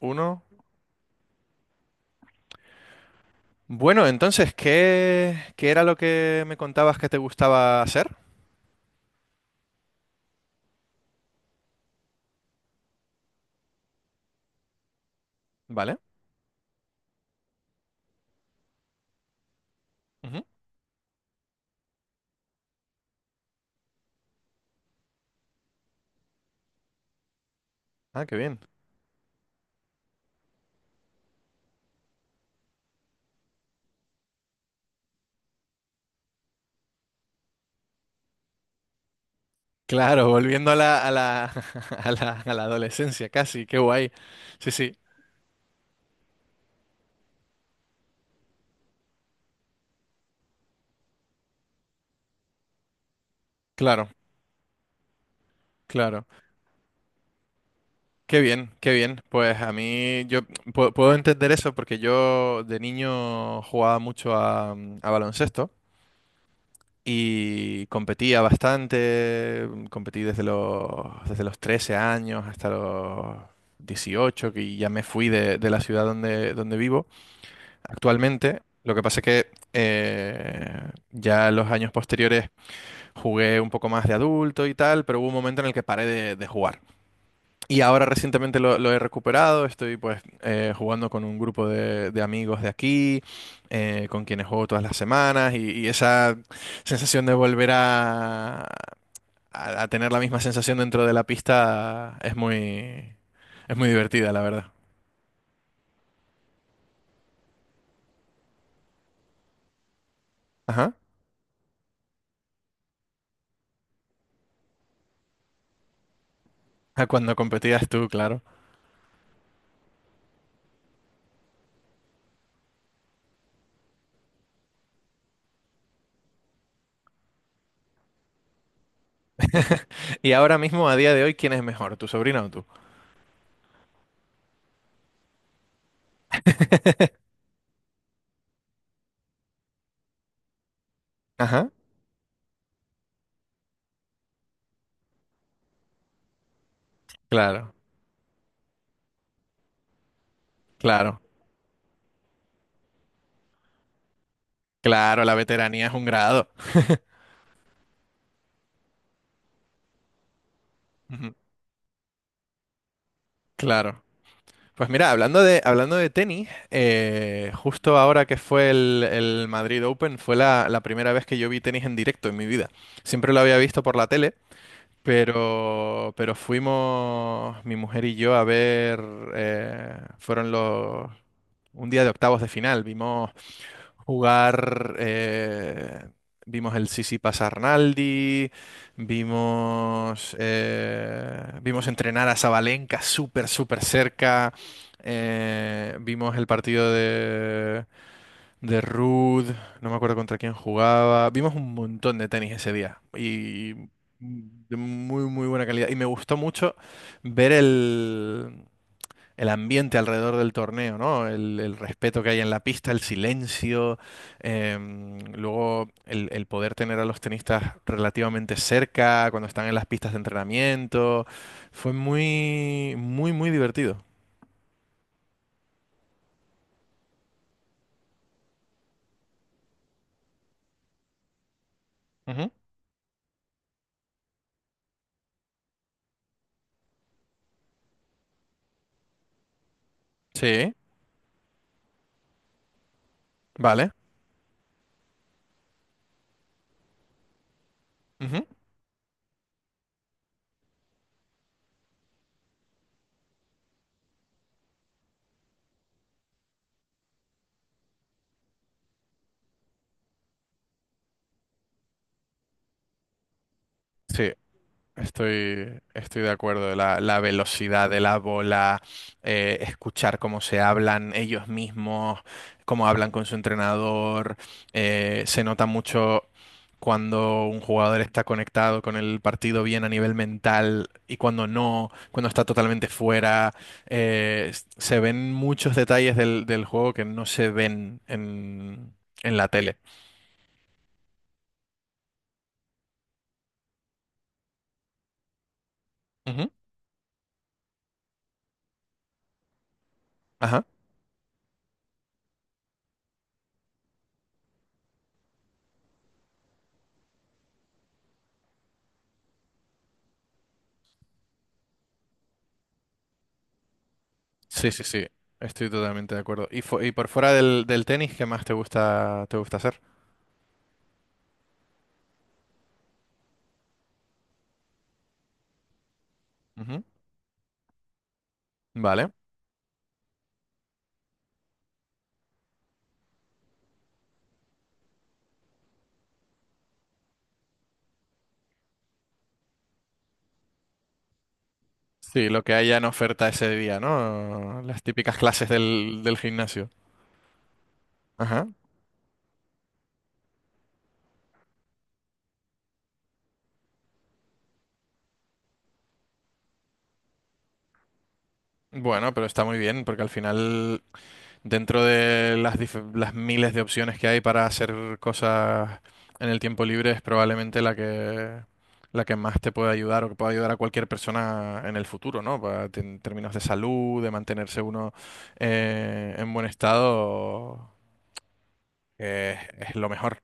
Uno. Bueno, entonces, ¿qué era lo que me contabas que te gustaba hacer? ¿Vale? Ujú. Ah, qué bien. Claro, volviendo a la, a la adolescencia casi, qué guay. Sí, sí, claro, claro. Qué bien, qué bien. Pues a mí yo puedo entender eso porque yo de niño jugaba mucho a, baloncesto. Y competía bastante, competí desde los 13 años hasta los 18 que ya me fui de, la ciudad donde vivo actualmente. Lo que pasa es que ya los años posteriores jugué un poco más de adulto y tal, pero hubo un momento en el que paré de, jugar. Y ahora recientemente lo he recuperado, estoy pues jugando con un grupo de, amigos de aquí, con quienes juego todas las semanas y esa sensación de volver a, a tener la misma sensación dentro de la pista es muy divertida, la verdad. Ajá. A cuando competías tú, claro. Y ahora mismo, a día de hoy, ¿quién es mejor, tu sobrina o tú? Ajá. Claro, claro, claro, la veteranía es un grado. Ujú. Claro. Pues mira, hablando de, tenis, justo ahora que fue el, Madrid Open, fue la primera vez que yo vi tenis en directo en mi vida. Siempre lo había visto por la tele, pero fuimos mi mujer y yo a ver, fueron un día de octavos de final, vimos jugar. Vimos el Sisi Arnaldi, vimos entrenar a Sabalenka súper, súper cerca. Vimos el partido de, Ruud, no me acuerdo contra quién jugaba. Vimos un montón de tenis ese día y de muy, muy buena calidad. Y me gustó mucho ver el, ambiente alrededor del torneo, ¿no? el respeto que hay en la pista, el silencio, luego el poder tener a los tenistas relativamente cerca cuando están en las pistas de entrenamiento. Fue muy, muy, muy divertido. Ujú. Sí, vale. Ujú. Sí, estoy, de acuerdo. la velocidad de la bola, escuchar cómo se hablan ellos mismos, cómo hablan con su entrenador. Se nota mucho cuando un jugador está conectado con el partido bien a nivel mental y cuando no, cuando está totalmente fuera. Se ven muchos detalles del, juego que no se ven en la tele. Ujú. Ajá. Sí, sí, sí. Estoy totalmente de acuerdo. ¿Y, y por fuera del, tenis, qué más te gusta hacer? Ujú. Vale. Sí, lo que haya en oferta ese día, ¿no? Las típicas clases del gimnasio. Ajá. Bueno, pero está muy bien, porque al final, dentro de las, las miles de opciones que hay para hacer cosas en el tiempo libre, es probablemente la que más te puede ayudar o que puede ayudar a cualquier persona en el futuro, ¿no? En términos de salud, de mantenerse uno en buen estado, es lo mejor.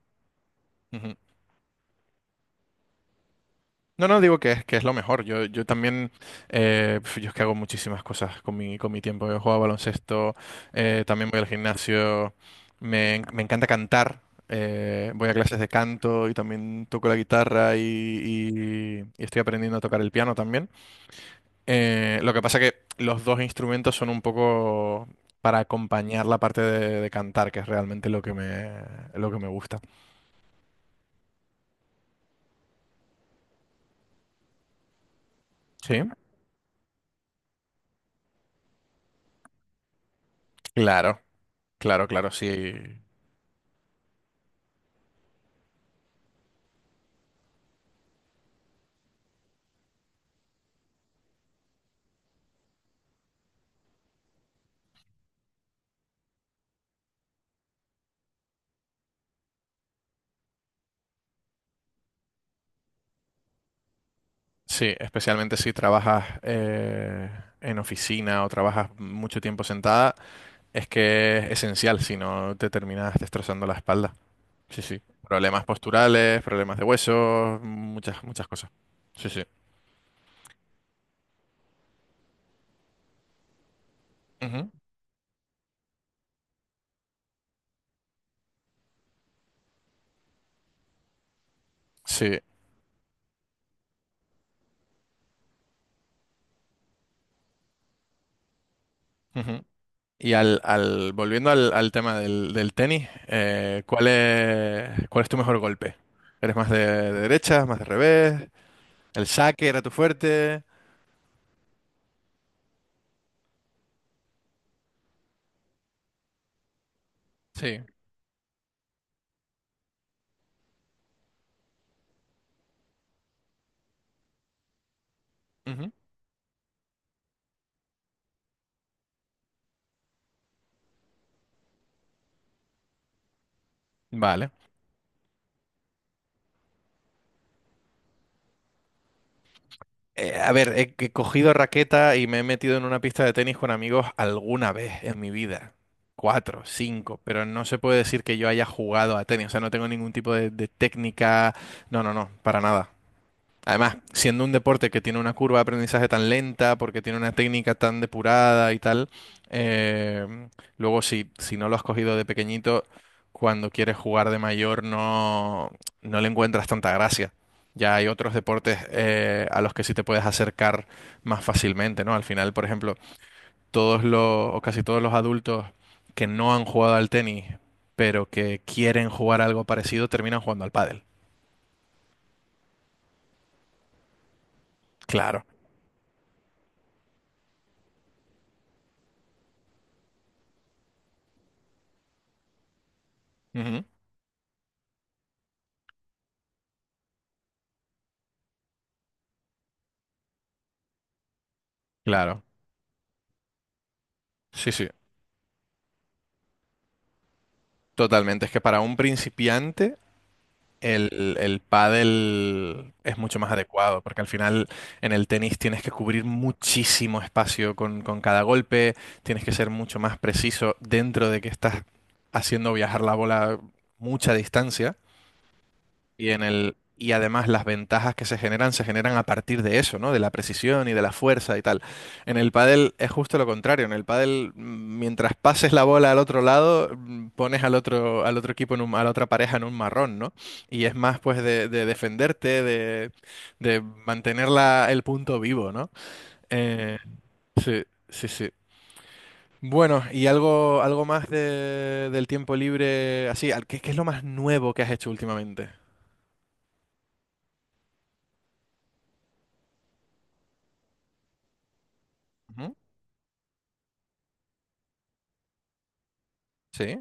No, no, digo que es, lo mejor. yo también, yo es que hago muchísimas cosas con mi tiempo. Yo juego a baloncesto, también voy al gimnasio, me encanta cantar, voy a clases de canto y también toco la guitarra y, y estoy aprendiendo a tocar el piano también. Lo que pasa que los dos instrumentos son un poco para acompañar la parte de, cantar, que es realmente lo que me gusta. Sí, claro, claro, claro, sí. Sí, especialmente si trabajas en oficina o trabajas mucho tiempo sentada, es que es esencial, si no te terminas destrozando la espalda. Sí, sí. Problemas posturales, problemas de huesos, muchas, muchas cosas. Sí, sí. Ujú. Sí. Ujú. Y volviendo al tema del, tenis, ¿cuál es tu mejor golpe? ¿Eres más de derecha, más de revés? ¿El saque era tu fuerte? Sí. Ujú. Vale. A ver, he cogido raqueta y me he metido en una pista de tenis con amigos alguna vez en mi vida. Cuatro, cinco, pero no se puede decir que yo haya jugado a tenis. O sea, no tengo ningún tipo de, técnica. No, no, no, para nada. Además, siendo un deporte que tiene una curva de aprendizaje tan lenta, porque tiene una técnica tan depurada y tal, eh, luego si no lo has cogido de pequeñito, cuando quieres jugar de mayor no, no le encuentras tanta gracia. Ya hay otros deportes a los que sí te puedes acercar más fácilmente, ¿no? Al final, por ejemplo, todos los, o casi todos los adultos que no han jugado al tenis, pero que quieren jugar algo parecido, terminan jugando al pádel. Claro. Ujú. Claro. Sí, sí. Totalmente, es que para un principiante el, pádel es mucho más adecuado, porque al final en el tenis tienes que cubrir muchísimo espacio con cada golpe, tienes que ser mucho más preciso dentro de que estás haciendo viajar la bola mucha distancia. Y y además las ventajas que se generan a partir de eso, ¿no? De la precisión y de la fuerza y tal. En el pádel es justo lo contrario. En el pádel, mientras pases la bola al otro lado, pones al otro, equipo en a la otra pareja en un marrón, ¿no? Y es más pues de, defenderte, de mantener el punto vivo, ¿no? Eh, sí, sí, sí. Bueno, y algo, más del tiempo libre, así, ¿qué es lo más nuevo que has hecho últimamente? Ujú. Sí.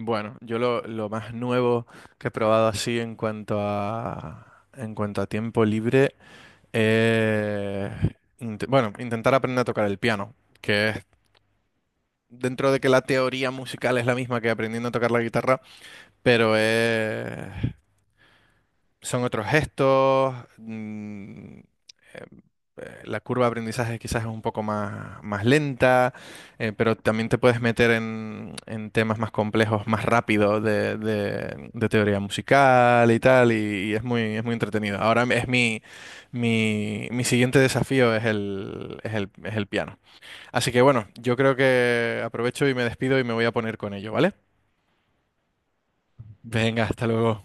Bueno, yo lo, más nuevo que he probado así en cuanto a tiempo libre, eh, bueno, intentar aprender a tocar el piano, que es dentro de que la teoría musical es la misma que aprendiendo a tocar la guitarra, pero es son otros gestos, eh, la curva de aprendizaje quizás es un poco más, lenta, pero también te puedes meter en temas más complejos, más rápido de, de teoría musical y tal, y, es muy entretenido. Ahora es mi, mi siguiente desafío es el, es el piano. Así que bueno, yo creo que aprovecho y me despido y me voy a poner con ello, ¿vale? Venga, hasta luego.